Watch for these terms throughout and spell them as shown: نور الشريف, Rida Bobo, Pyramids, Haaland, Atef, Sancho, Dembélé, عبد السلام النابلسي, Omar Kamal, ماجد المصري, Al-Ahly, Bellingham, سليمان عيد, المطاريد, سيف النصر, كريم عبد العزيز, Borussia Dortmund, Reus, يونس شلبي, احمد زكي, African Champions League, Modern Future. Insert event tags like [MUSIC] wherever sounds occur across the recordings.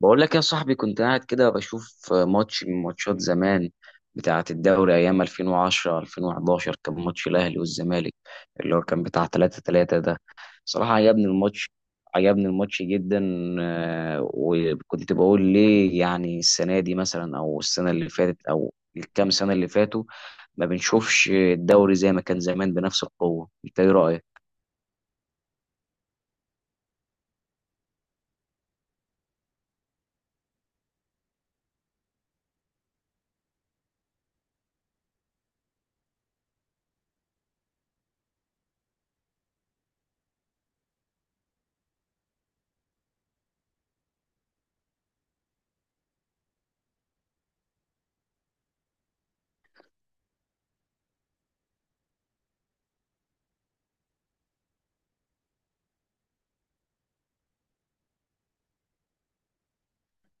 بقول لك يا صاحبي، كنت قاعد كده بشوف ماتش من ماتشات زمان بتاعة الدوري أيام 2010 2011. كان ماتش الأهلي والزمالك اللي هو كان بتاع 3-3 ده. صراحة عجبني الماتش جدا. وكنت بقول ليه يعني السنة دي مثلا أو السنة اللي فاتت أو الكام سنة اللي فاتوا ما بنشوفش الدوري زي ما كان زمان بنفس القوة؟ أنت إيه رأيك؟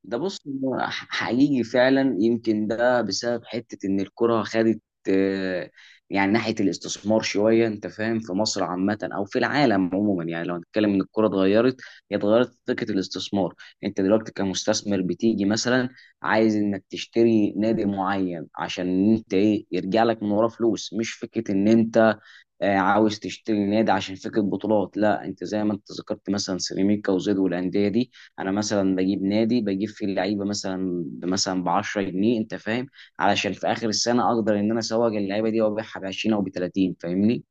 ده بص، هو حقيقي فعلا، يمكن ده بسبب حتة ان الكرة خدت آه، يعني ناحية الاستثمار شوية. انت فاهم؟ في مصر عامة او في العالم عموما، يعني لو هنتكلم ان الكرة اتغيرت. هي اتغيرت في فكرة الاستثمار. انت دلوقتي كمستثمر بتيجي مثلا عايز انك تشتري نادي معين عشان انت ايه يرجع لك من وراه فلوس، مش فكرة ان انت عاوز تشتري نادي عشان فكره بطولات. لا، انت زي ما انت ذكرت مثلا سيراميكا وزد والانديه دي. انا مثلا بجيب نادي، بجيب فيه اللعيبه مثلا ب 10 جنيه. انت فاهم؟ علشان في اخر السنه اقدر ان انا اسوق اللعيبه دي وابيعها ب 20 او ب 30. فاهمني؟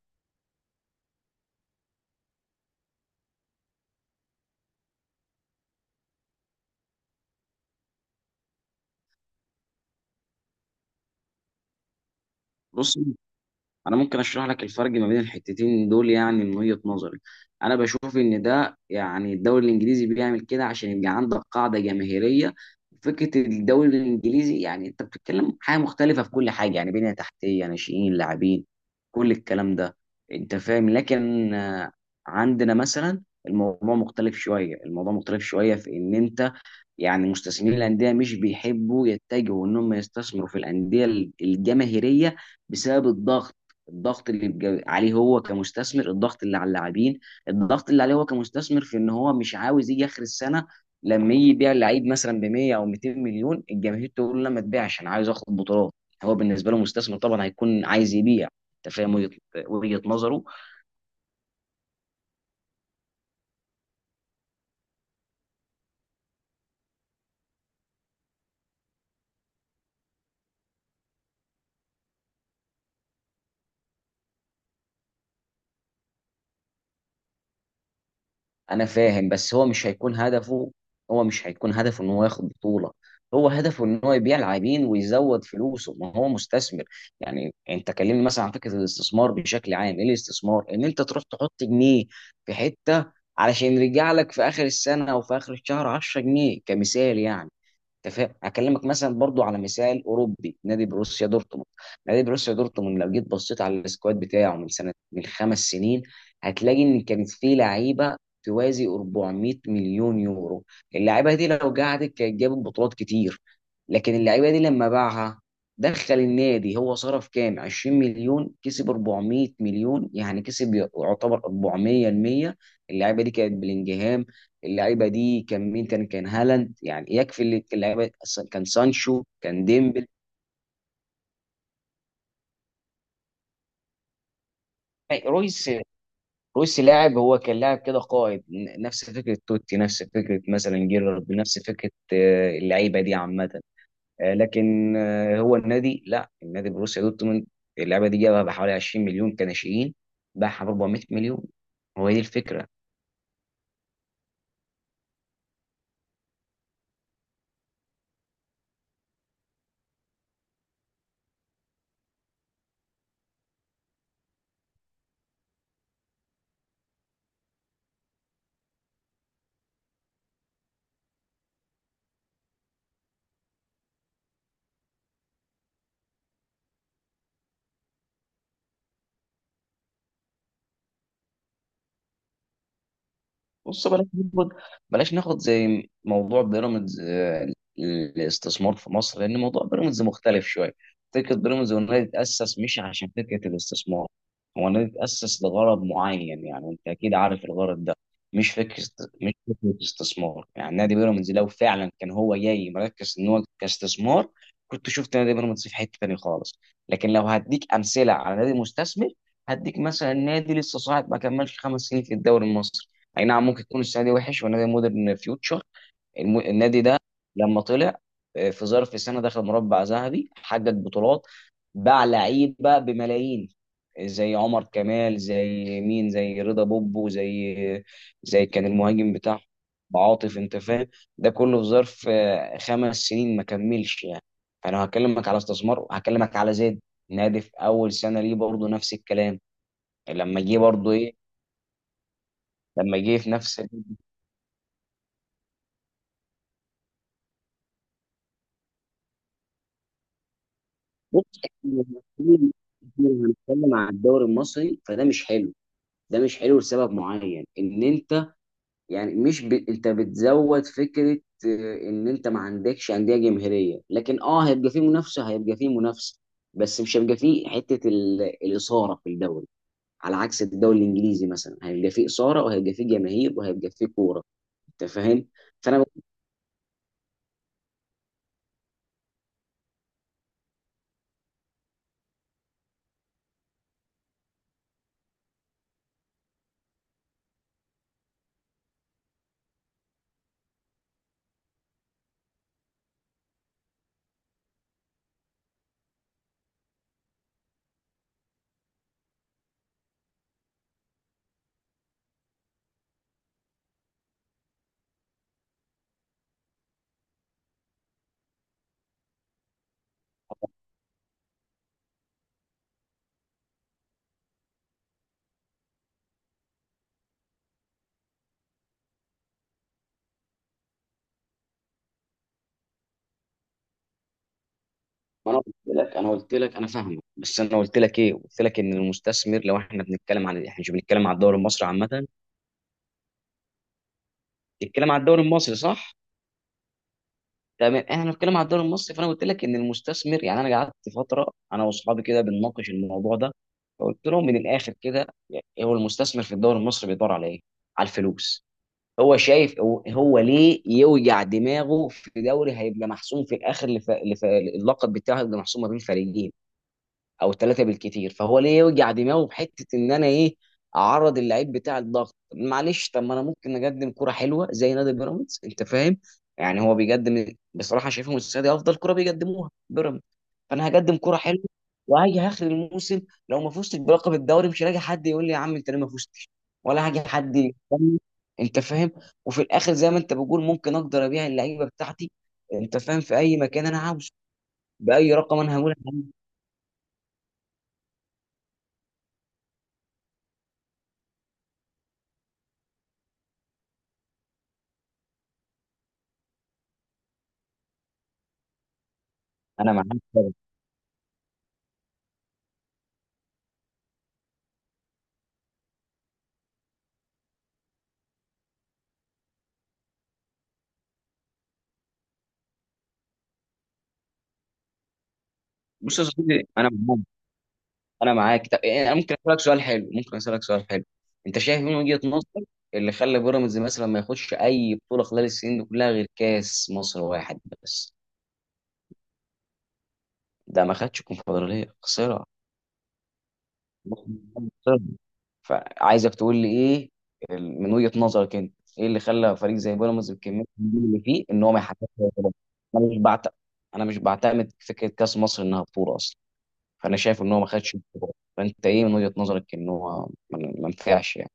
بص، انا ممكن اشرح لك الفرق ما بين الحتتين دول يعني من وجهة نظري. انا بشوف ان ده، يعني الدوري الانجليزي بيعمل كده عشان يبقى عندك قاعدة جماهيرية. فكرة الدوري الانجليزي يعني انت بتتكلم حاجة مختلفة في كل حاجة، يعني بنية تحتية، ناشئين، لاعبين، كل الكلام ده. انت فاهم؟ لكن عندنا مثلا الموضوع مختلف شوية. في ان، يعني مستثمرين الانديه مش بيحبوا يتجهوا ان هم يستثمروا في الانديه الجماهيريه بسبب الضغط. الضغط اللي بيبقى عليه هو كمستثمر، الضغط اللي على اللاعبين، الضغط اللي عليه هو كمستثمر في ان هو مش عاوز يجي اخر السنه. لما يجي يبيع لعيب مثلا ب 100 او 200 مليون، الجماهير تقول له لا ما تبيعش، انا عايز اخد بطولات. هو بالنسبه له مستثمر، طبعا هيكون عايز يبيع. انت فاهم وجهة نظره. انا فاهم، بس هو مش هيكون هدفه ان هو ياخد بطولة. هو هدفه ان هو يبيع لاعبين ويزود فلوسه، ما هو مستثمر. يعني انت كلمني مثلا عن فكرة الاستثمار بشكل عام. ايه الاستثمار؟ ان انت تروح تحط جنيه في حتة علشان يرجع لك في اخر السنة او في اخر الشهر 10 جنيه كمثال يعني. انت فاهم؟ اكلمك مثلا برضو على مثال اوروبي، نادي بروسيا دورتموند. لو جيت بصيت على السكواد بتاعه من سنه، من خمس سنين، هتلاقي ان كانت فيه لعيبه توازي 400 مليون يورو. اللعيبه دي لو قعدت كانت جابت بطولات كتير، لكن اللعيبه دي لما باعها دخل النادي، هو صرف كام؟ 20 مليون. كسب 400 مليون. يعني كسب يعتبر 400% المية. اللعيبه دي كانت بلينجهام، اللعيبه دي كان مين تاني؟ كان هالاند. يعني يكفي اللي اللعيبه، أصلاً كان سانشو، كان ديمبل، رويس. رويس لاعب، هو كان لاعب كده قائد، نفس فكره توتي، نفس فكره مثلا جيرارد، نفس فكره، اللعيبه دي عامه. آه، لكن آه، هو النادي، لا، النادي بروسيا دورتموند اللعيبه دي جابها بحوالي 20 مليون كناشئين، باعها ب 400 مليون. هو دي الفكره. بص، بلاش ناخد زي موضوع بيراميدز، الاستثمار في مصر، لان موضوع بيراميدز مختلف شويه. فكره بيراميدز، هو النادي اتاسس مش عشان فكره الاستثمار. هو النادي اتاسس لغرض معين، يعني انت اكيد عارف الغرض ده. مش فكره مش فكره استثمار. يعني نادي بيراميدز لو فعلا كان هو جاي مركز ان هو كاستثمار، كنت شفت نادي بيراميدز في حته تانيه خالص. لكن لو هديك امثله على نادي مستثمر، هديك مثلا نادي لسه صاعد ما كملش خمس سنين في الدوري المصري. اي نعم، ممكن يكون السنه دي وحش، ونادي مودرن فيوتشر، النادي ده لما طلع، في ظرف سنه دخل مربع ذهبي، حقق بطولات، باع لعيبه بملايين. زي عمر كمال، زي مين، زي رضا بوبو، زي كان المهاجم بتاعه عاطف. انت فاهم؟ ده كله في ظرف خمس سنين ما كملش يعني. انا هكلمك على استثمار، هكلمك على زيد، نادي في اول سنه ليه برضه نفس الكلام. لما جه برضه ايه؟ لما جه في نفس. بص احنا لو هنتكلم عن الدوري المصري فده مش حلو. لسبب معين ان انت، يعني مش ب... انت بتزود فكره، ان انت ما عندكش انديه جماهيريه، لكن اه هيبقى فيه منافسه، بس مش هيبقى فيه حته الاثاره في الدوري. على عكس الدوري الانجليزي مثلا، هيبقى فيه اثاره وهيبقى فيه جماهير وهيبقى فيه كوره. انت فاهم؟ فانا. ما انا قلت لك انا فاهمه، بس انا قلت لك ايه، قلت لك ان المستثمر، لو احنا بنتكلم عن، احنا مش بنتكلم على الدوري المصري عامه، بنتكلم على الدوري المصري، صح؟ تمام. احنا بنتكلم على الدوري المصري، فانا قلت لك ان المستثمر يعني. انا قعدت فتره انا واصحابي كده بنناقش الموضوع ده. فقلت لهم من الاخر كده يعني، هو المستثمر في الدوري المصري بيدور على ايه؟ على الفلوس. هو شايف، هو ليه يوجع دماغه في دوري هيبقى محسوم في الاخر. اللقب بتاعه هيبقى محسوم ما بين فريقين او ثلاثه بالكتير. فهو ليه يوجع دماغه بحته ان انا ايه اعرض اللعيب بتاع الضغط؟ معلش، طب ما انا ممكن اقدم كره حلوه زي نادي بيراميدز. انت فاهم؟ يعني هو بيقدم، بصراحه شايفهم السنه دي افضل كره بيقدموها بيراميدز. فانا هقدم كره حلوه وهاجي اخر الموسم، لو ما فزتش بلقب الدوري مش هلاقي حد يقول لي يا عم انت ليه ما فزتش، ولا هاجي حد يتكلم، انت فاهم؟ وفي الاخر زي ما انت بتقول، ممكن اقدر ابيع اللعيبه بتاعتي، انت فاهم، في اي مكان انا عاوزه، باي رقم انا هقول. انا معاك. بص يا صديقي انا معاك. طب انا ممكن اسالك سؤال حلو، انت شايف إيه من وجهة نظرك اللي خلى بيراميدز مثلا ما ياخدش اي بطولة خلال السنين دي كلها غير كاس مصر واحد بس؟ ده ما خدش كونفدرالية، خسرها. خسرها. فعايزك تقول لي ايه، من وجهة نظرك انت، ايه اللي خلى فريق زي بيراميدز بكمية النجوم اللي فيه ان هو ما يحققش أي بطولة؟ انا مش بعت... انا مش بعتمد فكرة كاس مصر انها بطولة اصلا. فانا شايف ان هو ما خدش البطولة. فانت ايه من وجهة نظرك ان هو ما نفعش يعني؟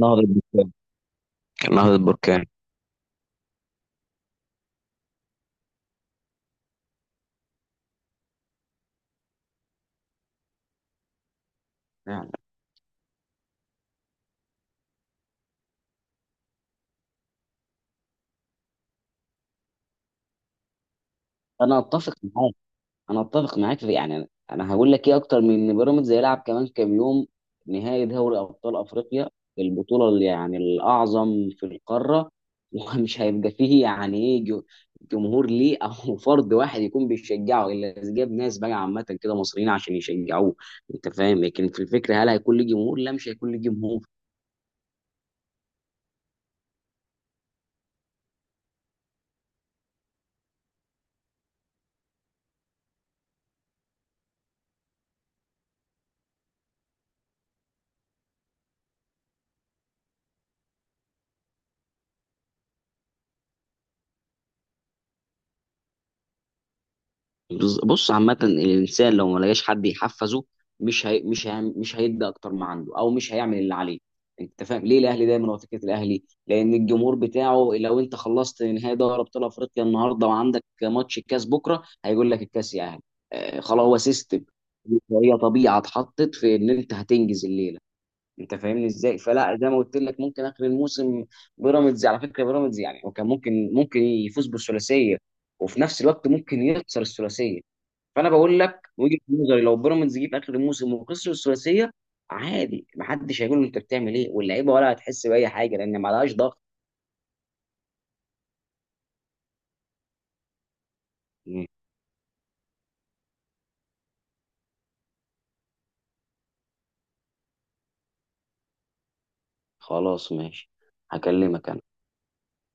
نهضة بركان نهضة بركان. نعم. انا اتفق معاك انا اتفق معاك في، يعني انا هقول لك ايه، اكتر من ان بيراميدز هيلعب كمان كام يوم نهائي دوري ابطال افريقيا، البطوله اللي يعني الاعظم في القاره، [LAUGHS] ومش هيبقى فيه يعني ايه جمهور ليه، او [LAUGHS] فرد واحد يكون بيشجعه، الا اذا جاب ناس بقى عامه كده مصريين عشان يشجعوه. انت فاهم؟ لكن في الفكره، هل هيكون ليه جمهور؟ لا، مش هيكون ليه جمهور. بص عامة، الإنسان لو ما لقاش حد يحفزه، مش هيدي أكتر ما عنده أو مش هيعمل اللي عليه. أنت فاهم ليه الأهلي دايما؟ هو فكرة الأهلي، لأن الجمهور بتاعه، لو أنت خلصت نهائي دوري أبطال أفريقيا النهاردة وعندك ماتش الكاس بكرة هيقول لك الكاس يا أهلي. آه خلاص، هو سيستم، هي طبيعة اتحطت في إن أنت هتنجز الليلة. أنت فاهمني إزاي؟ فلا، زي ما قلت لك ممكن آخر الموسم بيراميدز، على فكرة بيراميدز يعني، وكان ممكن يفوز بالثلاثية، وفي نفس الوقت ممكن يخسر الثلاثية. فانا بقول لك وجهه نظري، لو بيراميدز جه في اخر الموسم وخسر الثلاثيه عادي، محدش هيقول له انت بتعمل ايه، واللعيبه ولا هتحس باي حاجه لان ما لهاش ضغط. مم. خلاص، ماشي، هكلمك انا.